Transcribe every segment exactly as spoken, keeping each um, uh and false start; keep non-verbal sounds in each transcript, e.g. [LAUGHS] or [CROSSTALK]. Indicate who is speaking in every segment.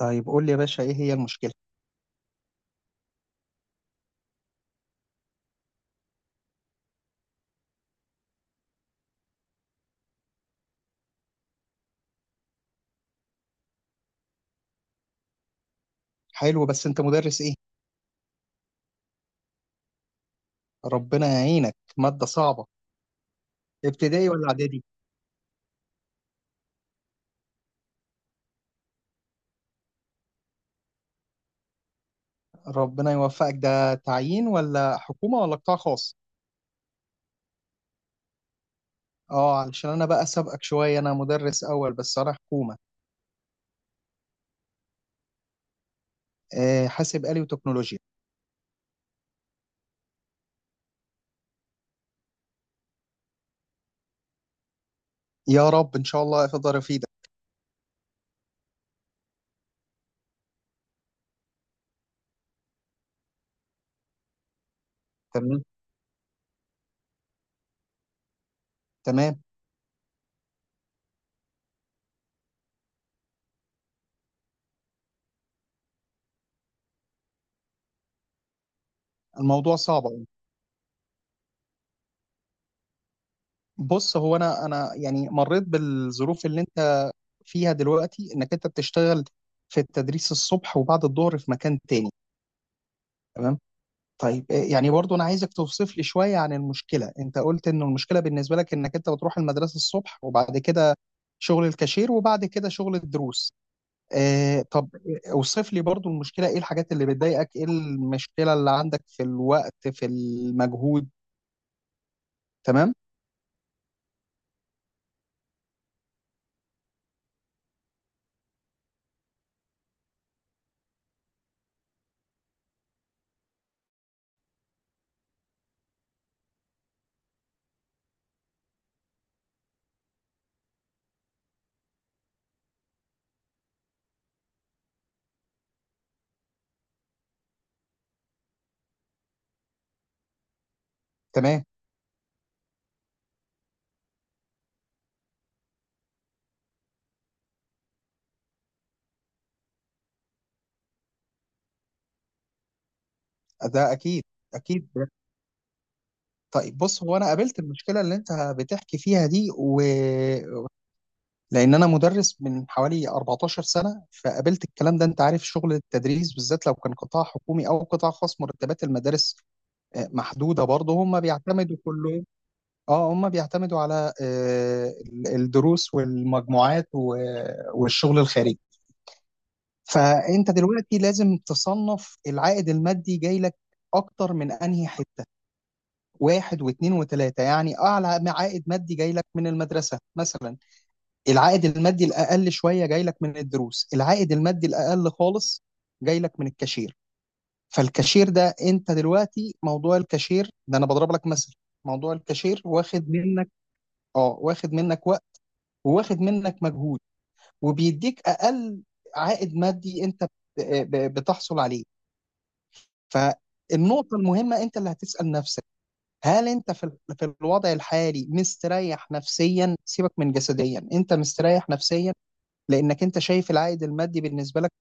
Speaker 1: طيب قول لي يا باشا ايه هي المشكلة؟ حلو، بس انت مدرس ايه؟ ربنا يعينك، مادة صعبة. ابتدائي ولا اعدادي؟ ربنا يوفقك. ده تعيين ولا حكومة ولا قطاع خاص؟ اه، علشان انا بقى سابقك شوية، انا مدرس اول بس انا حكومة. آه، حاسب آلي وتكنولوجيا. يا رب ان شاء الله اقدر افيدك. تمام. تمام. الموضوع صعب أوي. بص هو انا انا يعني مريت بالظروف اللي انت فيها دلوقتي، انك انت بتشتغل في التدريس الصبح وبعد الظهر في مكان تاني. تمام. طيب إيه- يعني برضو انا عايزك توصف لي شويه عن المشكله. انت قلت ان المشكله بالنسبه لك انك انت بتروح المدرسه الصبح وبعد كده شغل الكاشير وبعد كده شغل الدروس. آه، طب آه، اوصف لي برضو المشكله، ايه الحاجات اللي بتضايقك، ايه المشكله اللي عندك في الوقت، في المجهود. تمام. تمام. ده اكيد. اكيد. طيب بص هو انا قابلت المشكله اللي انت بتحكي فيها دي، و لان انا مدرس من حوالي اربعة عشر سنه، فقابلت الكلام ده. انت عارف شغل التدريس بالذات، لو كان قطاع حكومي او قطاع خاص، مرتبات المدارس آه، محدوده برضه. هم بيعتمدوا كلهم، اه هم بيعتمدوا على آه، الدروس والمجموعات و- والشغل الخارجي. فانت دلوقتي لازم تصنف العائد المادي جاي لك اكتر من انهي حته، واحد واثنين وثلاثه. يعني اعلى عائد مادي جاي لك من المدرسه مثلا، العائد المادي الاقل شويه جاي لك من الدروس، العائد المادي الاقل خالص جاي لك من الكاشير. فالكاشير ده، انت دلوقتي موضوع الكاشير ده انا بضرب لك مثل، موضوع الكاشير واخد منك، اه واخد منك وقت وواخد منك مجهود وبيديك اقل عائد مادي انت بت- ب- بتحصل عليه. فالنقطه المهمه انت اللي هتسال نفسك، هل انت في ال- في الوضع الحالي مستريح نفسيا؟ سيبك من جسديا، انت مستريح نفسيا؟ لانك انت شايف العائد المادي بالنسبه لك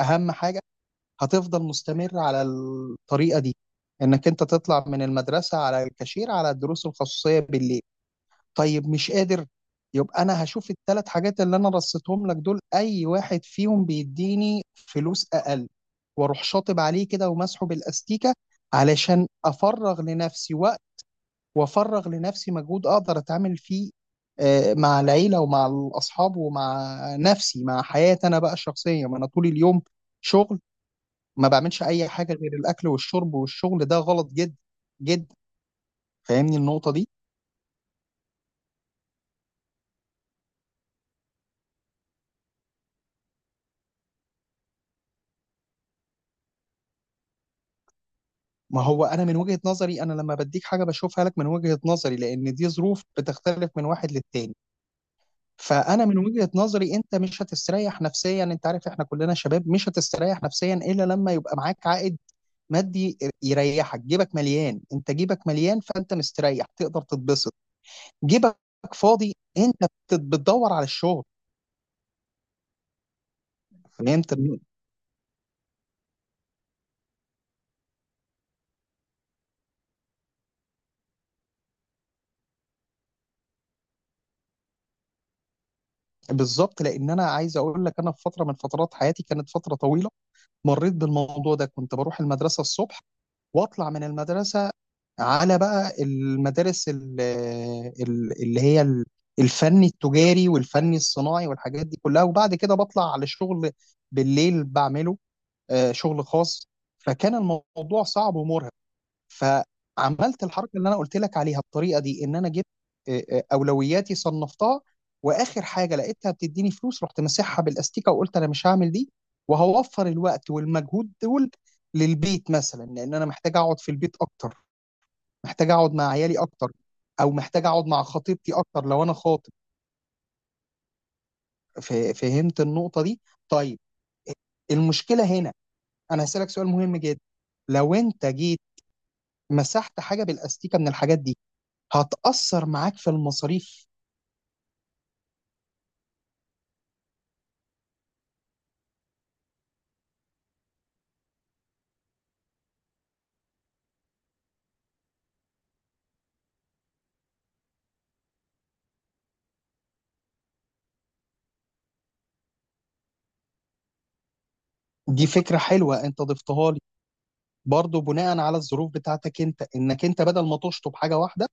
Speaker 1: اهم حاجه، هتفضل مستمر على الطريقه دي، انك انت تطلع من المدرسه على الكاشير على الدروس الخصوصيه بالليل؟ طيب مش قادر، يبقى انا هشوف الثلاث حاجات اللي انا رصيتهم لك دول اي واحد فيهم بيديني فلوس اقل واروح شاطب عليه كده ومسحه بالاستيكه، علشان افرغ لنفسي وافرغ لنفسي مجهود اقدر اتعامل فيه آه، مع العيله ومع الاصحاب ومع نفسي، مع حياتي انا بقى الشخصيه. ما انا طول اليوم شغل، ما بعملش اي حاجه غير الاكل والشرب والشغل. ده غلط جدا جدا. فاهمني النقطه دي؟ ما هو انا من وجهه نظري، انا لما بديك حاجه بشوفها لك من وجهه نظري، لان دي ظروف بتختلف من واحد للتاني. فانا من وجهه نظري انت مش هتستريح نفسيا، انت عارف احنا كلنا شباب مش هتستريح نفسيا الا لما يبقى معاك عائد مادي يريحك. جيبك مليان، انت جيبك مليان، فانت مستريح تقدر تتبسط. جيبك فاضي، انت بت- بتدور على الشغل. فهمت؟ بالظبط. لان انا عايز اقول لك، انا في فتره من فترات حياتي كانت فتره طويله مريت بالموضوع ده. كنت بروح المدرسه الصبح واطلع من المدرسه على بقى المدارس ال- ال- اللي هي ال- الفني التجاري والفني الصناعي والحاجات دي كلها، وبعد كده بطلع على شغل بالليل بعمله، آه، شغل خاص. فكان الموضوع صعب ومرهق. فعملت الحركه اللي انا قلت لك عليها بالطريقه دي، ان انا جبت آه، آه، اولوياتي، صنفتها، واخر حاجه لقيتها بتديني فلوس رحت مسحها بالاستيكه وقلت انا مش هعمل دي، وهوفر الوقت والمجهود دول للبيت مثلا، لان انا محتاج اقعد في البيت اكتر، محتاج اقعد مع عيالي اكتر، او محتاج اقعد مع خطيبتي اكتر لو انا خاطب. ف- فهمت النقطه دي؟ طيب المشكله هنا، انا هسألك سؤال مهم جدا. لو انت جيت مسحت حاجه بالاستيكه من الحاجات دي، هتاثر معاك في المصاريف؟ دي فكره حلوه انت ضفتها لي، برضو بناء على الظروف بتاعتك انت، انك انت بدل ما تشطب حاجه واحده،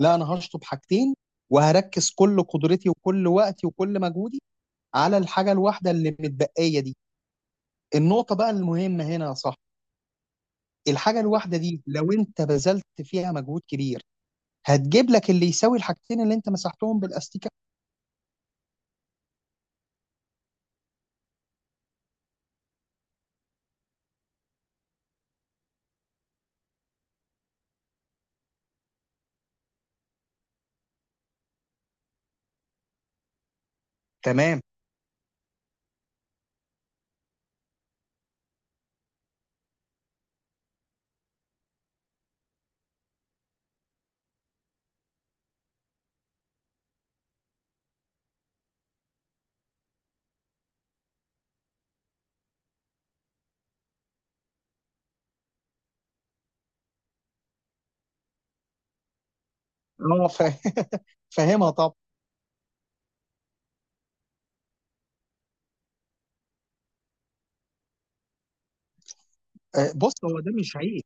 Speaker 1: لا انا هشطب حاجتين وهركز كل قدرتي وكل وقتي وكل مجهودي على الحاجه الواحده اللي متبقيه دي. النقطه بقى المهمه هنا يا صاحبي، الحاجه الواحده دي لو انت بذلت فيها مجهود كبير، هتجيب لك اللي يساوي الحاجتين اللي انت مسحتهم بالاستيكه. تمام. اه فا- [LAUGHS] فاهمها طبعا. آه، بص هو ده مش عيب.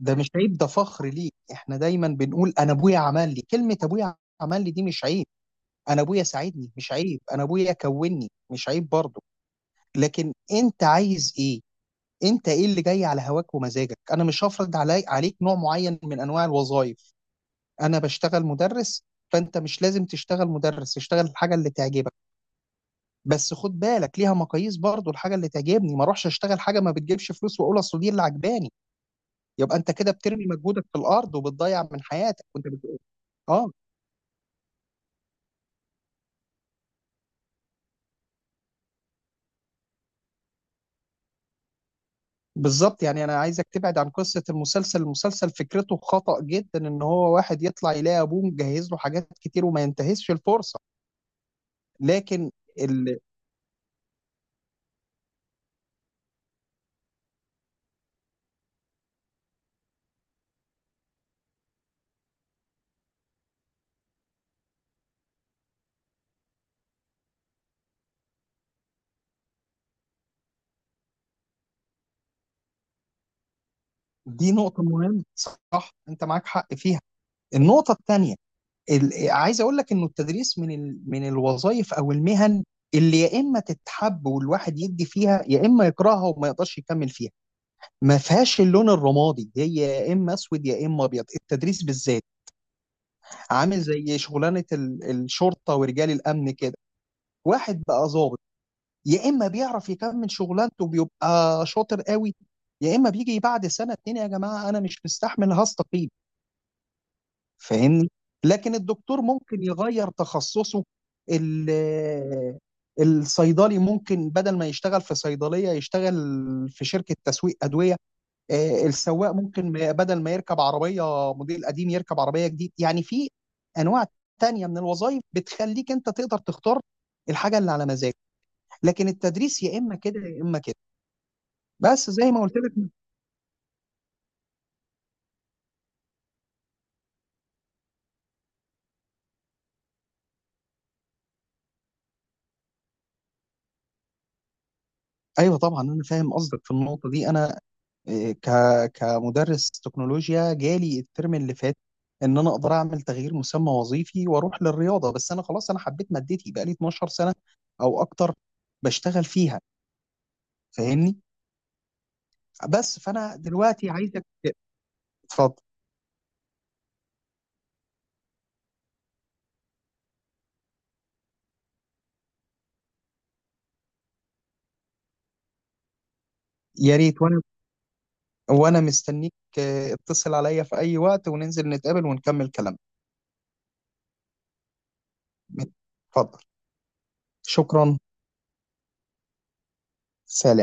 Speaker 1: ده مش عيب، ده فخر ليك. احنا دايما بنقول انا ابويا عمل لي، كلمة ابويا عمل لي دي مش عيب. انا ابويا ساعدني مش عيب، انا ابويا كوني مش عيب برضه. لكن انت عايز ايه؟ انت ايه اللي جاي على هواك ومزاجك؟ انا مش هفرض علي عليك نوع معين من انواع الوظائف. انا بشتغل مدرس، فانت مش لازم تشتغل مدرس. اشتغل الحاجة اللي تعجبك، بس خد بالك ليها مقاييس برضه. الحاجة اللي تعجبني، ما اروحش اشتغل حاجة ما بتجيبش فلوس واقول اصل دي اللي عجباني، يبقى انت كده بترمي مجهودك في الارض وبتضيع من حياتك وانت بت... اه بالظبط. يعني انا عايزك تبعد عن قصه المسلسل. المسلسل فكرته خطأ جدا، ان هو واحد يطلع يلاقي ابوه مجهز له حاجات كتير وما ينتهزش الفرصه. لكن ال... دي نقطه مهمه، صح، انت معاك حق فيها. النقطه الثانيه ال... عايز اقول لك انه التدريس من ال... من الوظائف او المهن اللي يا اما تتحب والواحد يدي فيها يا اما يكرهها وما يقدرش يكمل فيها. ما فيهاش اللون الرمادي، هي يا اما اسود يا اما ابيض، التدريس بالذات. عامل زي شغلانه ال- الشرطه ورجال الامن كده. واحد بقى ظابط، يا اما بيعرف يكمل شغلانته بيبقى شاطر قوي، يا اما بيجي بعد سنه اتنين يا جماعه انا مش مستحمل هستقيل. فاهمني؟ لكن الدكتور ممكن يغير تخصصه، ال- الصيدلي ممكن بدل ما يشتغل في صيدليه يشتغل في شركه تسويق ادويه، آه، السواق ممكن ما- بدل ما يركب عربية موديل قديم يركب عربية جديد. يعني في أنواع تانية من الوظائف بتخليك أنت تقدر تختار الحاجة اللي على مزاجك، لكن التدريس يا إما كده يا إما كده، بس زي ما قلت لك. أيوه طبعا، أنا فاهم قصدك في النقطة دي. أنا آه، ك كمدرس تكنولوجيا جالي الترم اللي فات إن أنا أقدر أعمل تغيير مسمى وظيفي وأروح للرياضة، بس أنا خلاص أنا حبيت مادتي بقالي اتناشر سنة أو أكتر بشتغل فيها. فاهمني؟ بس فانا دلوقتي عايزك ت- اتفضل. يا ريت، وانا وانا مستنيك، آه، اتصل عليا في اي وقت وننزل نتقابل ونكمل كلامنا. اتفضل. شكرا. سلام.